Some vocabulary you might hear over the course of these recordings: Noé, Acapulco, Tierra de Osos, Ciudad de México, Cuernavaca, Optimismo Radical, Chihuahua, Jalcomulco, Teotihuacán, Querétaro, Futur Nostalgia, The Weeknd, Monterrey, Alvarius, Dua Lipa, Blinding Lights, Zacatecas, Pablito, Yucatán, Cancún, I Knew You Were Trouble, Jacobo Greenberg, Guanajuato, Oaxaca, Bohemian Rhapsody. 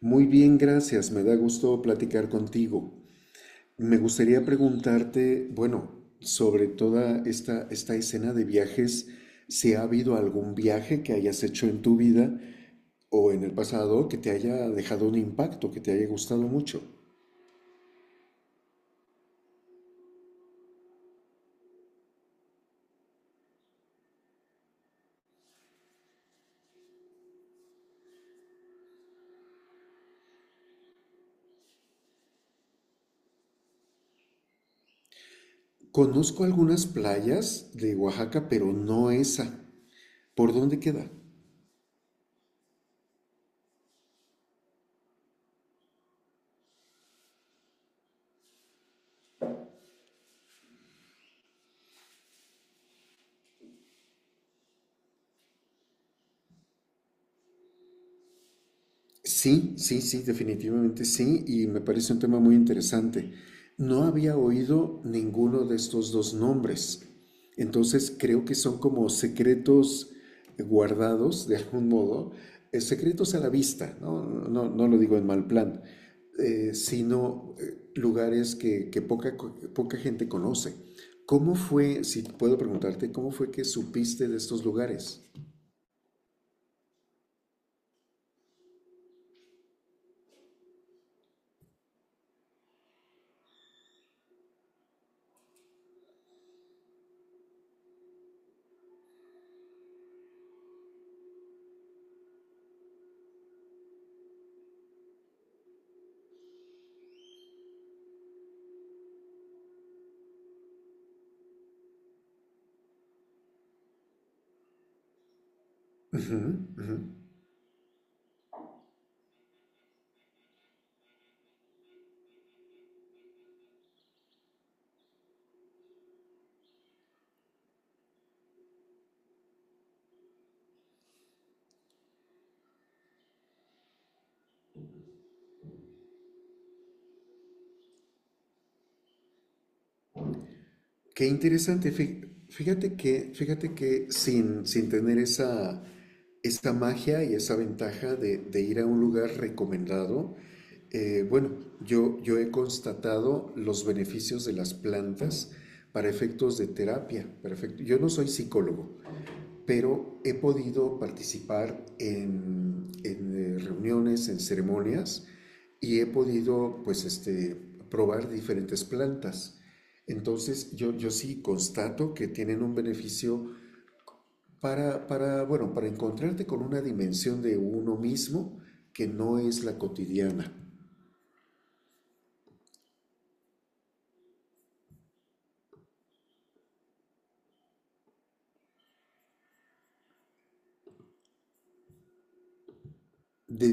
Muy bien, gracias. Me da gusto platicar contigo. Me gustaría preguntarte, bueno, sobre toda esta escena de viajes, si ha habido algún viaje que hayas hecho en tu vida o en el pasado que te haya dejado un impacto, que te haya gustado mucho. Conozco algunas playas de Oaxaca, pero no esa. ¿Por dónde queda? Sí, sí, sí, definitivamente sí, y me parece un tema muy interesante. No había oído ninguno de estos dos nombres, entonces creo que son como secretos guardados de algún modo, secretos a la vista, ¿no? No, no lo digo en mal plan, sino lugares que poca gente conoce. ¿Cómo fue, si puedo preguntarte, cómo fue que supiste de estos lugares? Ujú, ujú. Qué interesante. Fíjate que sin tener esa, esa magia y esa ventaja de ir a un lugar recomendado, bueno, yo he constatado los beneficios de las plantas para efectos de terapia. Perfecto. Yo no soy psicólogo, pero he podido participar en reuniones, en ceremonias y he podido pues este, probar diferentes plantas. Entonces yo sí constato que tienen un beneficio bueno, para encontrarte con una dimensión de uno mismo que no es la cotidiana. De,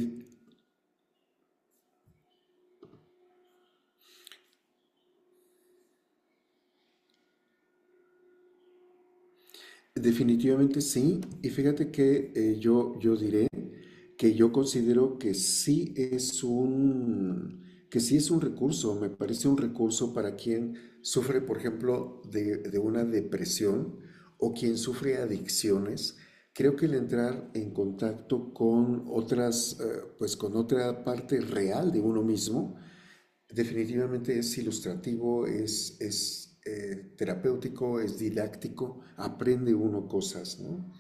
definitivamente sí, y fíjate que yo diré que yo considero que que sí es un recurso, me parece un recurso para quien sufre, por ejemplo, de una depresión o quien sufre adicciones. Creo que el entrar en contacto con otras, pues con otra parte real de uno mismo, definitivamente es ilustrativo, es terapéutico, es didáctico, aprende uno cosas, ¿no?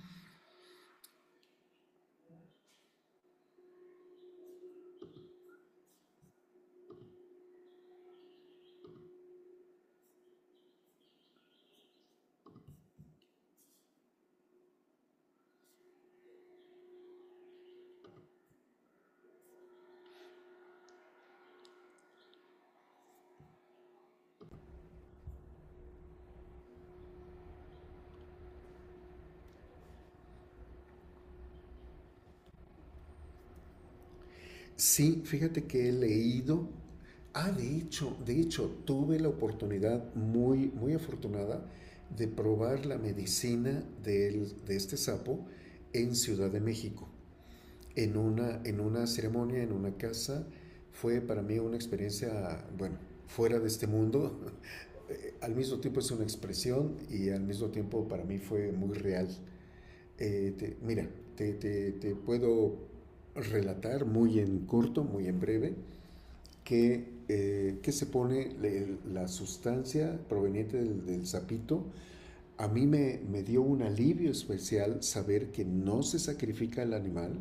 Sí, fíjate que he leído. Ah, de hecho, tuve la oportunidad muy, muy afortunada de probar la medicina de este sapo en Ciudad de México, en una ceremonia, en una casa. Fue para mí una experiencia, bueno, fuera de este mundo. Al mismo tiempo es una expresión y al mismo tiempo para mí fue muy real. Mira, te puedo relatar muy en corto, muy en breve, que se pone la sustancia proveniente del, del sapito. A mí me dio un alivio especial saber que no se sacrifica el animal.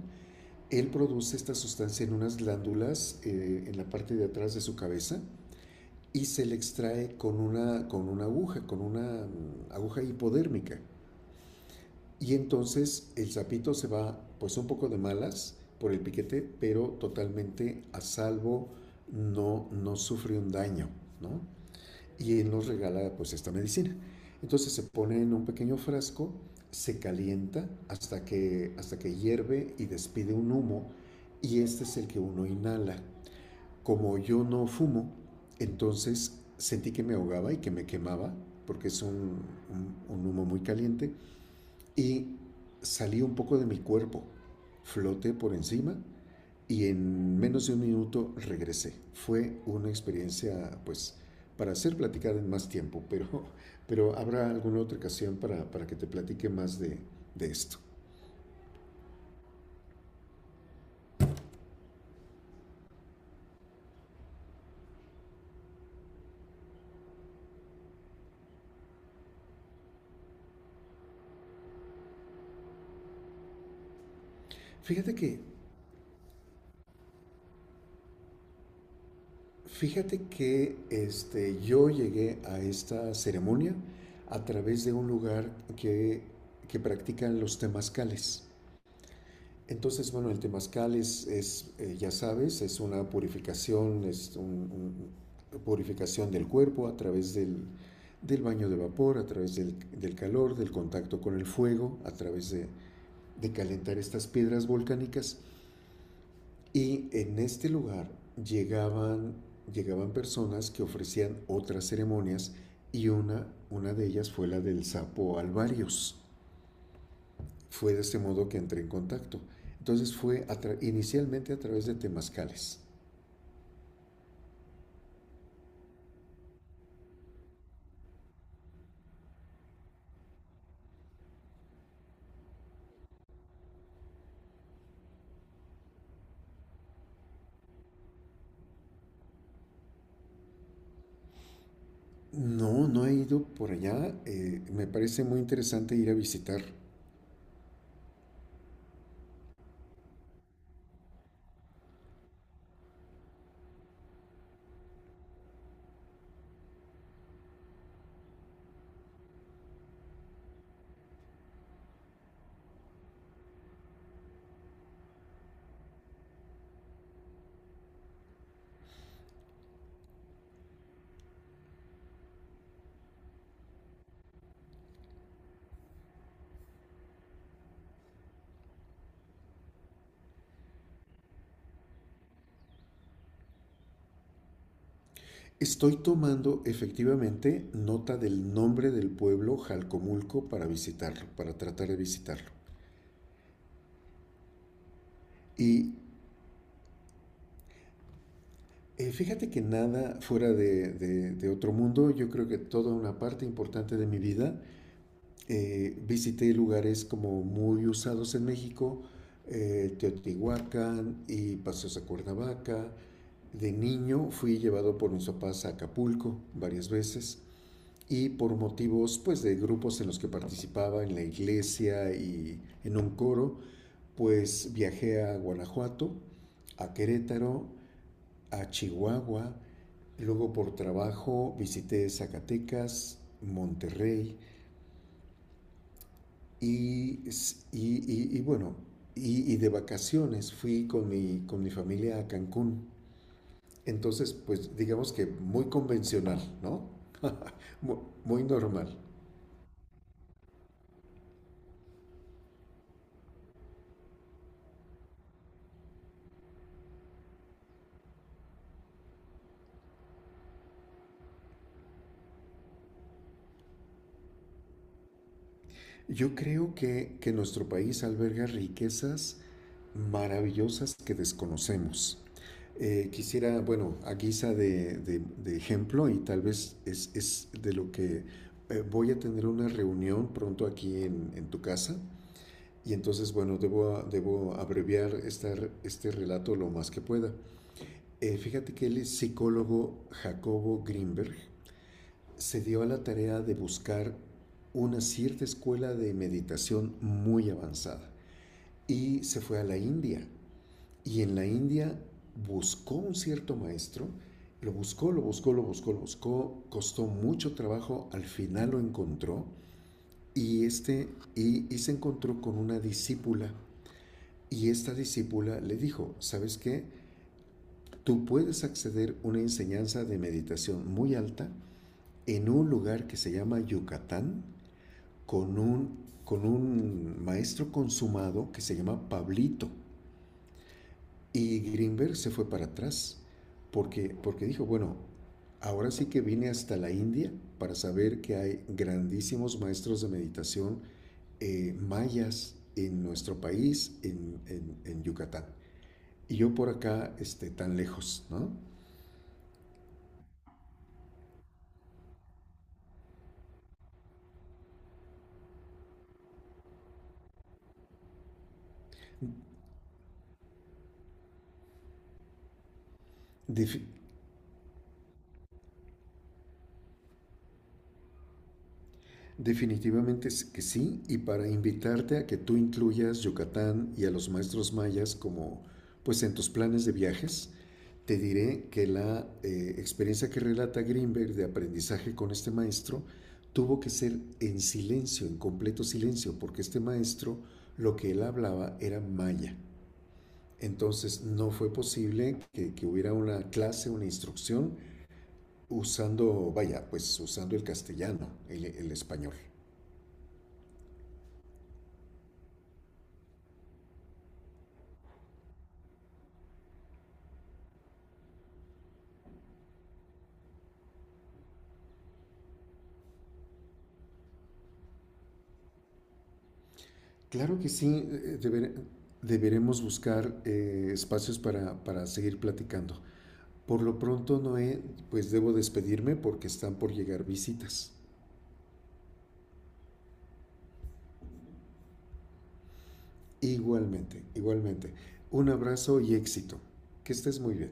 Él produce esta sustancia en unas glándulas en la parte de atrás de su cabeza y se le extrae con una aguja, con una aguja hipodérmica. Y entonces el sapito se va pues un poco de malas por el piquete, pero totalmente a salvo, no, no sufre un daño, ¿no? Y él nos regala pues esta medicina. Entonces se pone en un pequeño frasco, se calienta hasta que hierve y despide un humo, y este es el que uno inhala. Como yo no fumo, entonces sentí que me ahogaba y que me quemaba, porque es un humo muy caliente, y salí un poco de mi cuerpo, floté por encima y en menos de un minuto regresé. Fue una experiencia, pues, para hacer platicar en más tiempo, pero habrá alguna otra ocasión para que te platique más de esto. Fíjate que, fíjate que este, yo llegué a esta ceremonia a través de un lugar que practican los temazcales. Entonces, bueno, el temazcal es, ya sabes, es una purificación, purificación del cuerpo a través del, del baño de vapor, a través del calor, del contacto con el fuego, a través de calentar estas piedras volcánicas. Y en este lugar llegaban, llegaban personas que ofrecían otras ceremonias y una de ellas fue la del sapo Alvarius. Fue de este modo que entré en contacto. Entonces fue inicialmente a través de temazcales. No, no he ido por allá. Me parece muy interesante ir a visitar. Estoy tomando efectivamente nota del nombre del pueblo Jalcomulco para visitarlo, para tratar de visitarlo. Y Fíjate que nada fuera de otro mundo, yo creo que toda una parte importante de mi vida visité lugares como muy usados en México, Teotihuacán y paseos a Cuernavaca. De niño fui llevado por mis papás a Acapulco varias veces y por motivos pues de grupos en los que participaba en la iglesia y en un coro, pues viajé a Guanajuato, a Querétaro, a Chihuahua, luego por trabajo visité Zacatecas, Monterrey, Y, y, y bueno, y de vacaciones fui con mi familia a Cancún. Entonces, pues digamos que muy convencional, ¿no? Muy, muy normal. Yo creo que nuestro país alberga riquezas maravillosas que desconocemos. Quisiera, bueno, a guisa de ejemplo, y tal vez es de lo que voy a tener una reunión pronto aquí en tu casa. Y entonces, bueno, debo abreviar esta, este relato lo más que pueda. Fíjate que el psicólogo Jacobo Greenberg se dio a la tarea de buscar una cierta escuela de meditación muy avanzada y se fue a la India. Y en la India buscó un cierto maestro, lo buscó, lo buscó, lo buscó, lo buscó, costó mucho trabajo, al final lo encontró y, este, y y se encontró con una discípula. Y esta discípula le dijo, ¿sabes qué? Tú puedes acceder a una enseñanza de meditación muy alta en un lugar que se llama Yucatán con un, con un maestro consumado que se llama Pablito. Y Greenberg se fue para atrás porque, porque dijo, bueno, ahora sí que vine hasta la India para saber que hay grandísimos maestros de meditación mayas en nuestro país, en Yucatán. Y yo por acá este, tan lejos, ¿no? Defi- Definitivamente es que sí, y para invitarte a que tú incluyas Yucatán y a los maestros mayas como, pues en tus planes de viajes, te diré que la experiencia que relata Greenberg de aprendizaje con este maestro tuvo que ser en silencio, en completo silencio, porque este maestro lo que él hablaba era maya. Entonces no fue posible que hubiera una clase, una instrucción, usando, vaya, pues usando el castellano, el español. Claro que sí, deberemos buscar espacios para seguir platicando. Por lo pronto, Noé, pues debo despedirme porque están por llegar visitas. Igualmente, igualmente. Un abrazo y éxito. Que estés muy bien.